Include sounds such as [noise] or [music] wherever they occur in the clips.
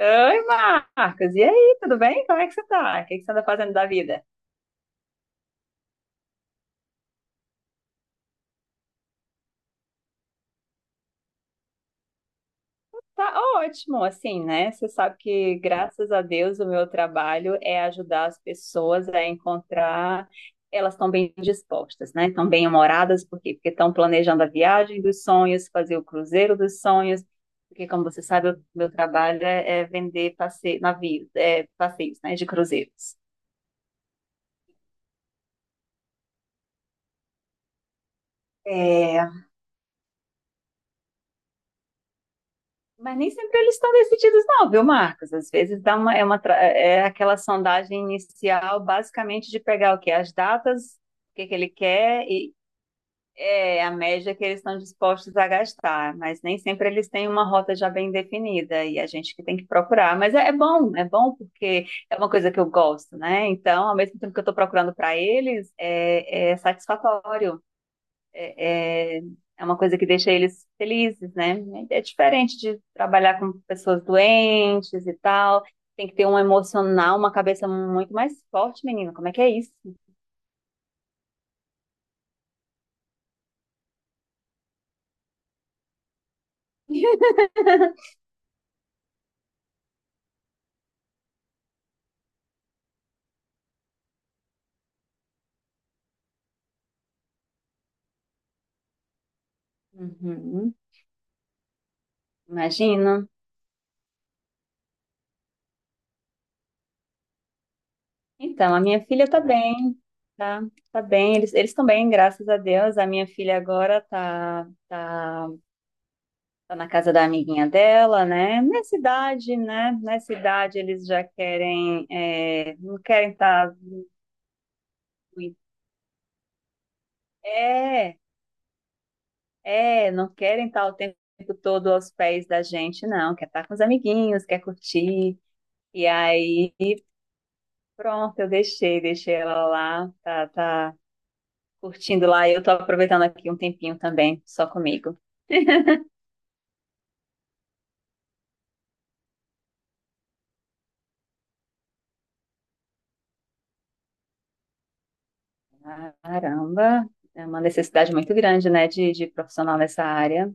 Oi, Marcos. E aí, tudo bem? Como é que você tá? O que que você anda fazendo da vida? Tá ótimo, assim, né? Você sabe que, graças a Deus, o meu trabalho é ajudar as pessoas a encontrar. Elas estão bem dispostas, né? Estão bem humoradas, por quê? Porque estão planejando a viagem dos sonhos, fazer o cruzeiro dos sonhos. Porque, como você sabe, o meu trabalho é vender navios, passeios, né? De cruzeiros. Mas nem sempre eles estão decididos, não, viu, Marcos? Às vezes dá uma, é aquela sondagem inicial, basicamente, de pegar o quê? As datas, o que que ele quer e a média que eles estão dispostos a gastar. Mas nem sempre eles têm uma rota já bem definida e a gente que tem que procurar. Mas é bom porque é uma coisa que eu gosto, né? Então, ao mesmo tempo que eu estou procurando para eles, é satisfatório. É, é uma coisa que deixa eles felizes, né? É diferente de trabalhar com pessoas doentes e tal. Tem que ter um emocional, uma cabeça muito mais forte, menina. Como é que é isso? [laughs] Uhum, imagina. Então, a minha filha tá bem, tá, tá bem. Eles estão bem, graças a Deus. A minha filha agora tá na casa da amiguinha dela, né? Nessa idade, né? Nessa idade eles já querem, não querem estar. Tá, é, não querem estar o tempo todo aos pés da gente, não. Quer estar com os amiguinhos, quer curtir. E aí, pronto, eu deixei ela lá, tá curtindo lá. Eu tô aproveitando aqui um tempinho também, só comigo. Caramba, é uma necessidade muito grande, né, de profissional nessa área.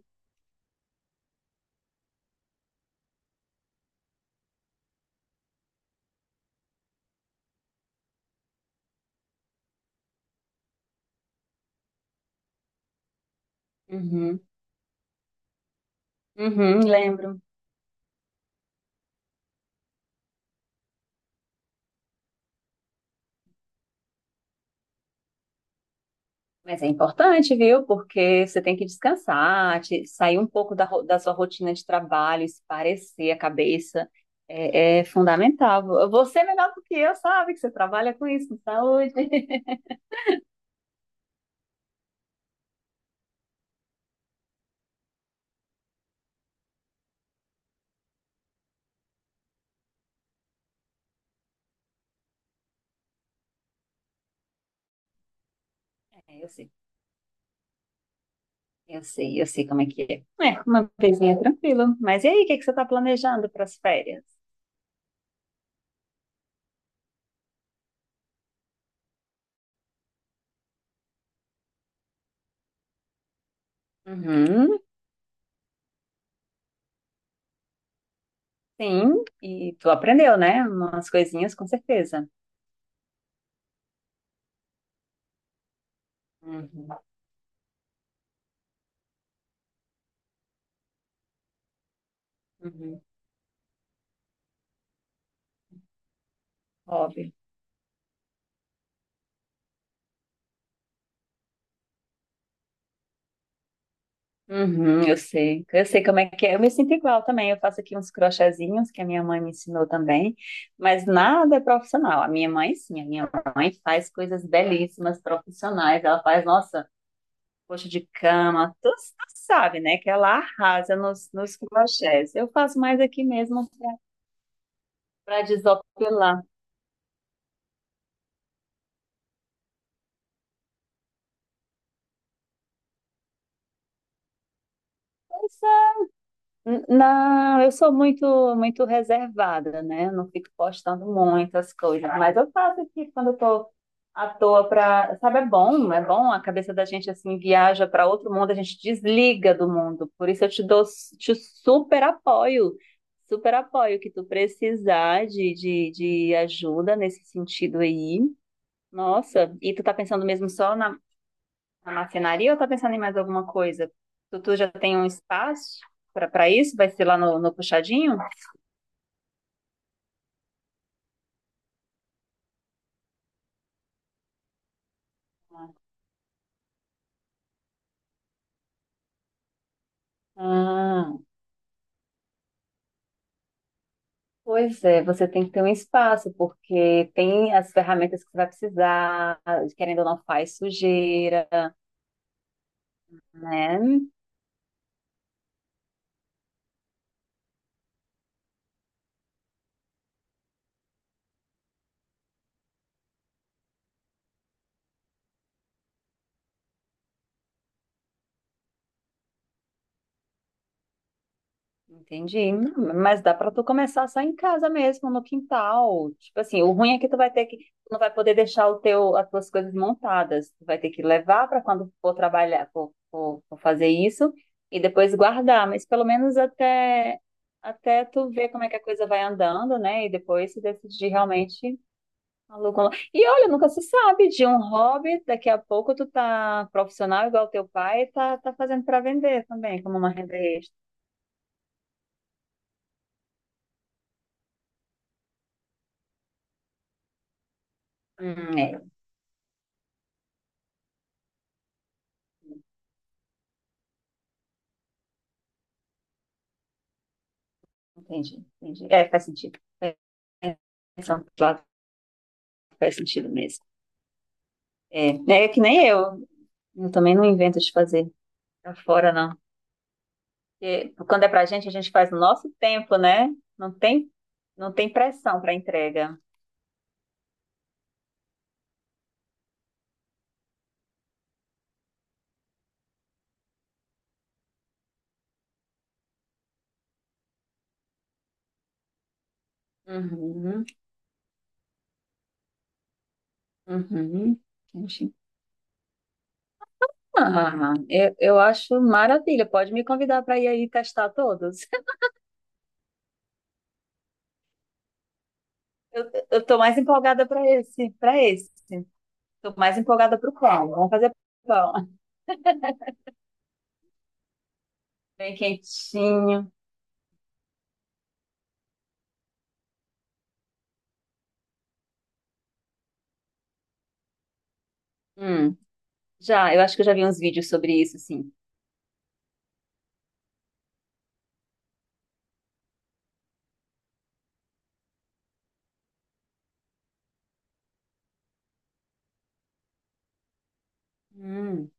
Uhum, uhum, lembro. Mas é importante, viu? Porque você tem que descansar, sair um pouco da sua rotina de trabalho, esparecer a cabeça. É fundamental. Você é melhor do que eu sabe que você trabalha com isso, com saúde. É, eu sei, eu sei, eu sei como é que é. É, uma coisinha tranquila. Mas e aí, o que é que você está planejando para as férias? Uhum, sim, e tu aprendeu, né? Umas coisinhas, com certeza. Uhum, uhum. Óbvio. Uhum, eu sei como é que é. Eu me sinto igual também. Eu faço aqui uns crochêzinhos que a minha mãe me ensinou também, mas nada é profissional. A minha mãe, sim, a minha mãe faz coisas belíssimas, profissionais. Ela faz, nossa, coxa de cama, tu sabe, né? Que ela arrasa nos crochês. Eu faço mais aqui mesmo para desopilar. Não, eu sou muito, muito reservada, né? Eu não fico postando muitas coisas, mas eu faço aqui quando eu tô à toa pra, sabe, é bom, a cabeça da gente assim viaja para outro mundo, a gente desliga do mundo. Por isso eu te dou, te super apoio que tu precisar de ajuda nesse sentido aí. Nossa, e tu tá pensando mesmo só na marcenaria ou tá pensando em mais alguma coisa? Tutu já tem um espaço para isso? Vai ser lá no puxadinho? Ah, pois é, você tem que ter um espaço, porque tem as ferramentas que você vai precisar, querendo ou não faz sujeira, né? Entendi. Não, mas dá pra tu começar só em casa mesmo, no quintal. Tipo assim, o ruim é que tu vai ter que, tu não vai poder deixar o teu, as tuas coisas montadas. Tu vai ter que levar pra quando for trabalhar, for fazer isso e depois guardar. Mas pelo menos até tu ver como é que a coisa vai andando, né? E depois se decidir realmente aluga. E olha, nunca se sabe de um hobby. Daqui a pouco tu tá profissional igual teu pai, e tá fazendo pra vender também, como uma renda extra. É. Entendi, entendi. É, faz sentido. É, pensando por lado, faz sentido mesmo. É, né, é que nem eu. Eu também não invento de fazer pra fora, não. Porque quando é pra gente, a gente faz no nosso tempo, né? Não tem, não tem pressão pra entrega. Uhum, uhum. Entendi. Ah, eu acho maravilha. Pode me convidar para ir aí testar todos. [laughs] Eu tô mais empolgada para esse, para esse. Tô mais empolgada pro pão. Vamos fazer pão. Bem quentinho. Hum. Já, eu acho que eu já vi uns vídeos sobre isso, sim. Hum.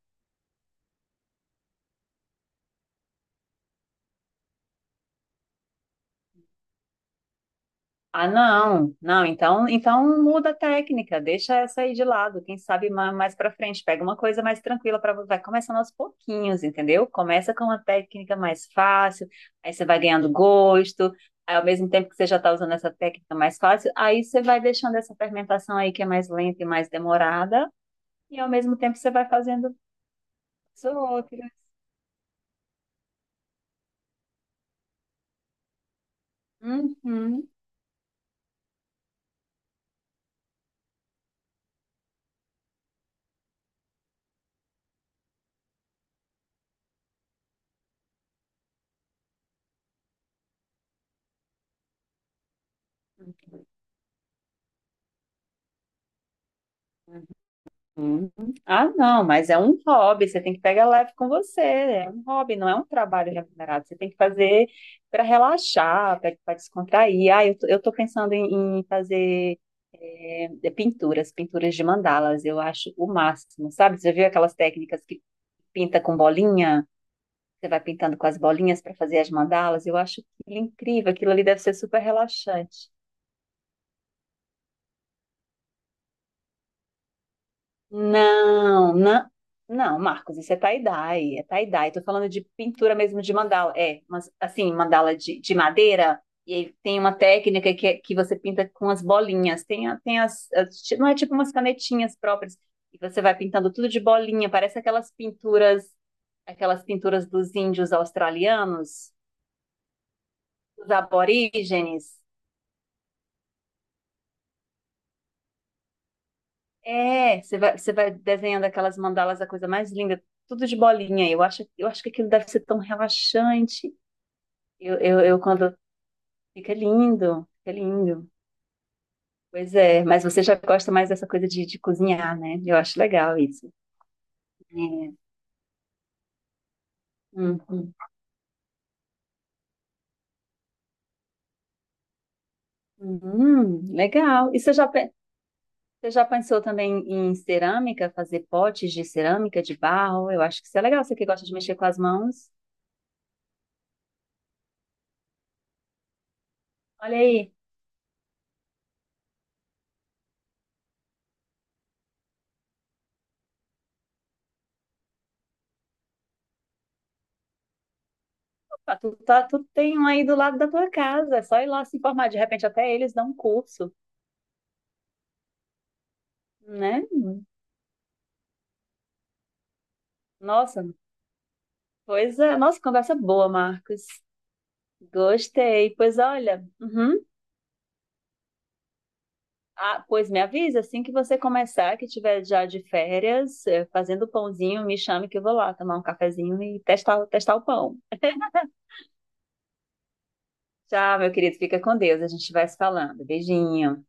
Ah, não, não, então muda a técnica, deixa essa aí de lado, quem sabe mais pra frente, pega uma coisa mais tranquila para vai começando aos pouquinhos, entendeu? Começa com uma técnica mais fácil, aí você vai ganhando gosto, aí ao mesmo tempo que você já tá usando essa técnica mais fácil, aí você vai deixando essa fermentação aí que é mais lenta e mais demorada, e ao mesmo tempo você vai fazendo as outras. Uhum. Uhum. Ah, não, mas é um hobby, você tem que pegar leve com você, é um hobby, não é um trabalho remunerado, você tem que fazer para relaxar, para descontrair. Ah, eu tô, eu tô pensando em fazer de pinturas, pinturas de mandalas, eu acho o máximo, sabe? Você já viu aquelas técnicas que pinta com bolinha? Você vai pintando com as bolinhas para fazer as mandalas, eu acho aquilo incrível, aquilo ali deve ser super relaxante. Não, não, não, Marcos, isso é tie-dye, é tie-dye. Tô falando de pintura mesmo de mandala, mas assim, mandala de madeira, e aí tem uma técnica que você pinta com as bolinhas, tem, a- tem as, as- ti- não é tipo umas canetinhas próprias, e você vai pintando tudo de bolinha, parece aquelas pinturas dos índios australianos, dos aborígenes. É, você vai desenhando aquelas mandalas, a coisa mais linda, tudo de bolinha. Eu acho que aquilo deve ser tão relaxante. Eu quando fica lindo, fica lindo. Pois é, mas você já gosta mais dessa coisa de cozinhar, né? Eu acho legal isso. É. Uhum. Uhum, legal. E você já pensou também em cerâmica, fazer potes de cerâmica, de barro? Eu acho que isso é legal, você que gosta de mexer com as mãos. Olha aí. Ah, tu tem um aí do lado da tua casa, é só ir lá se informar. De repente, até eles dão um curso, né? Nossa, pois é. Nossa, conversa boa, Marcos. Gostei. Pois olha, uhum. Ah, pois me avisa assim que você começar, que tiver já de férias, fazendo pãozinho, me chame que eu vou lá tomar um cafezinho e testar o pão. Tchau, meu querido. Fica com Deus. A gente vai se falando. Beijinho.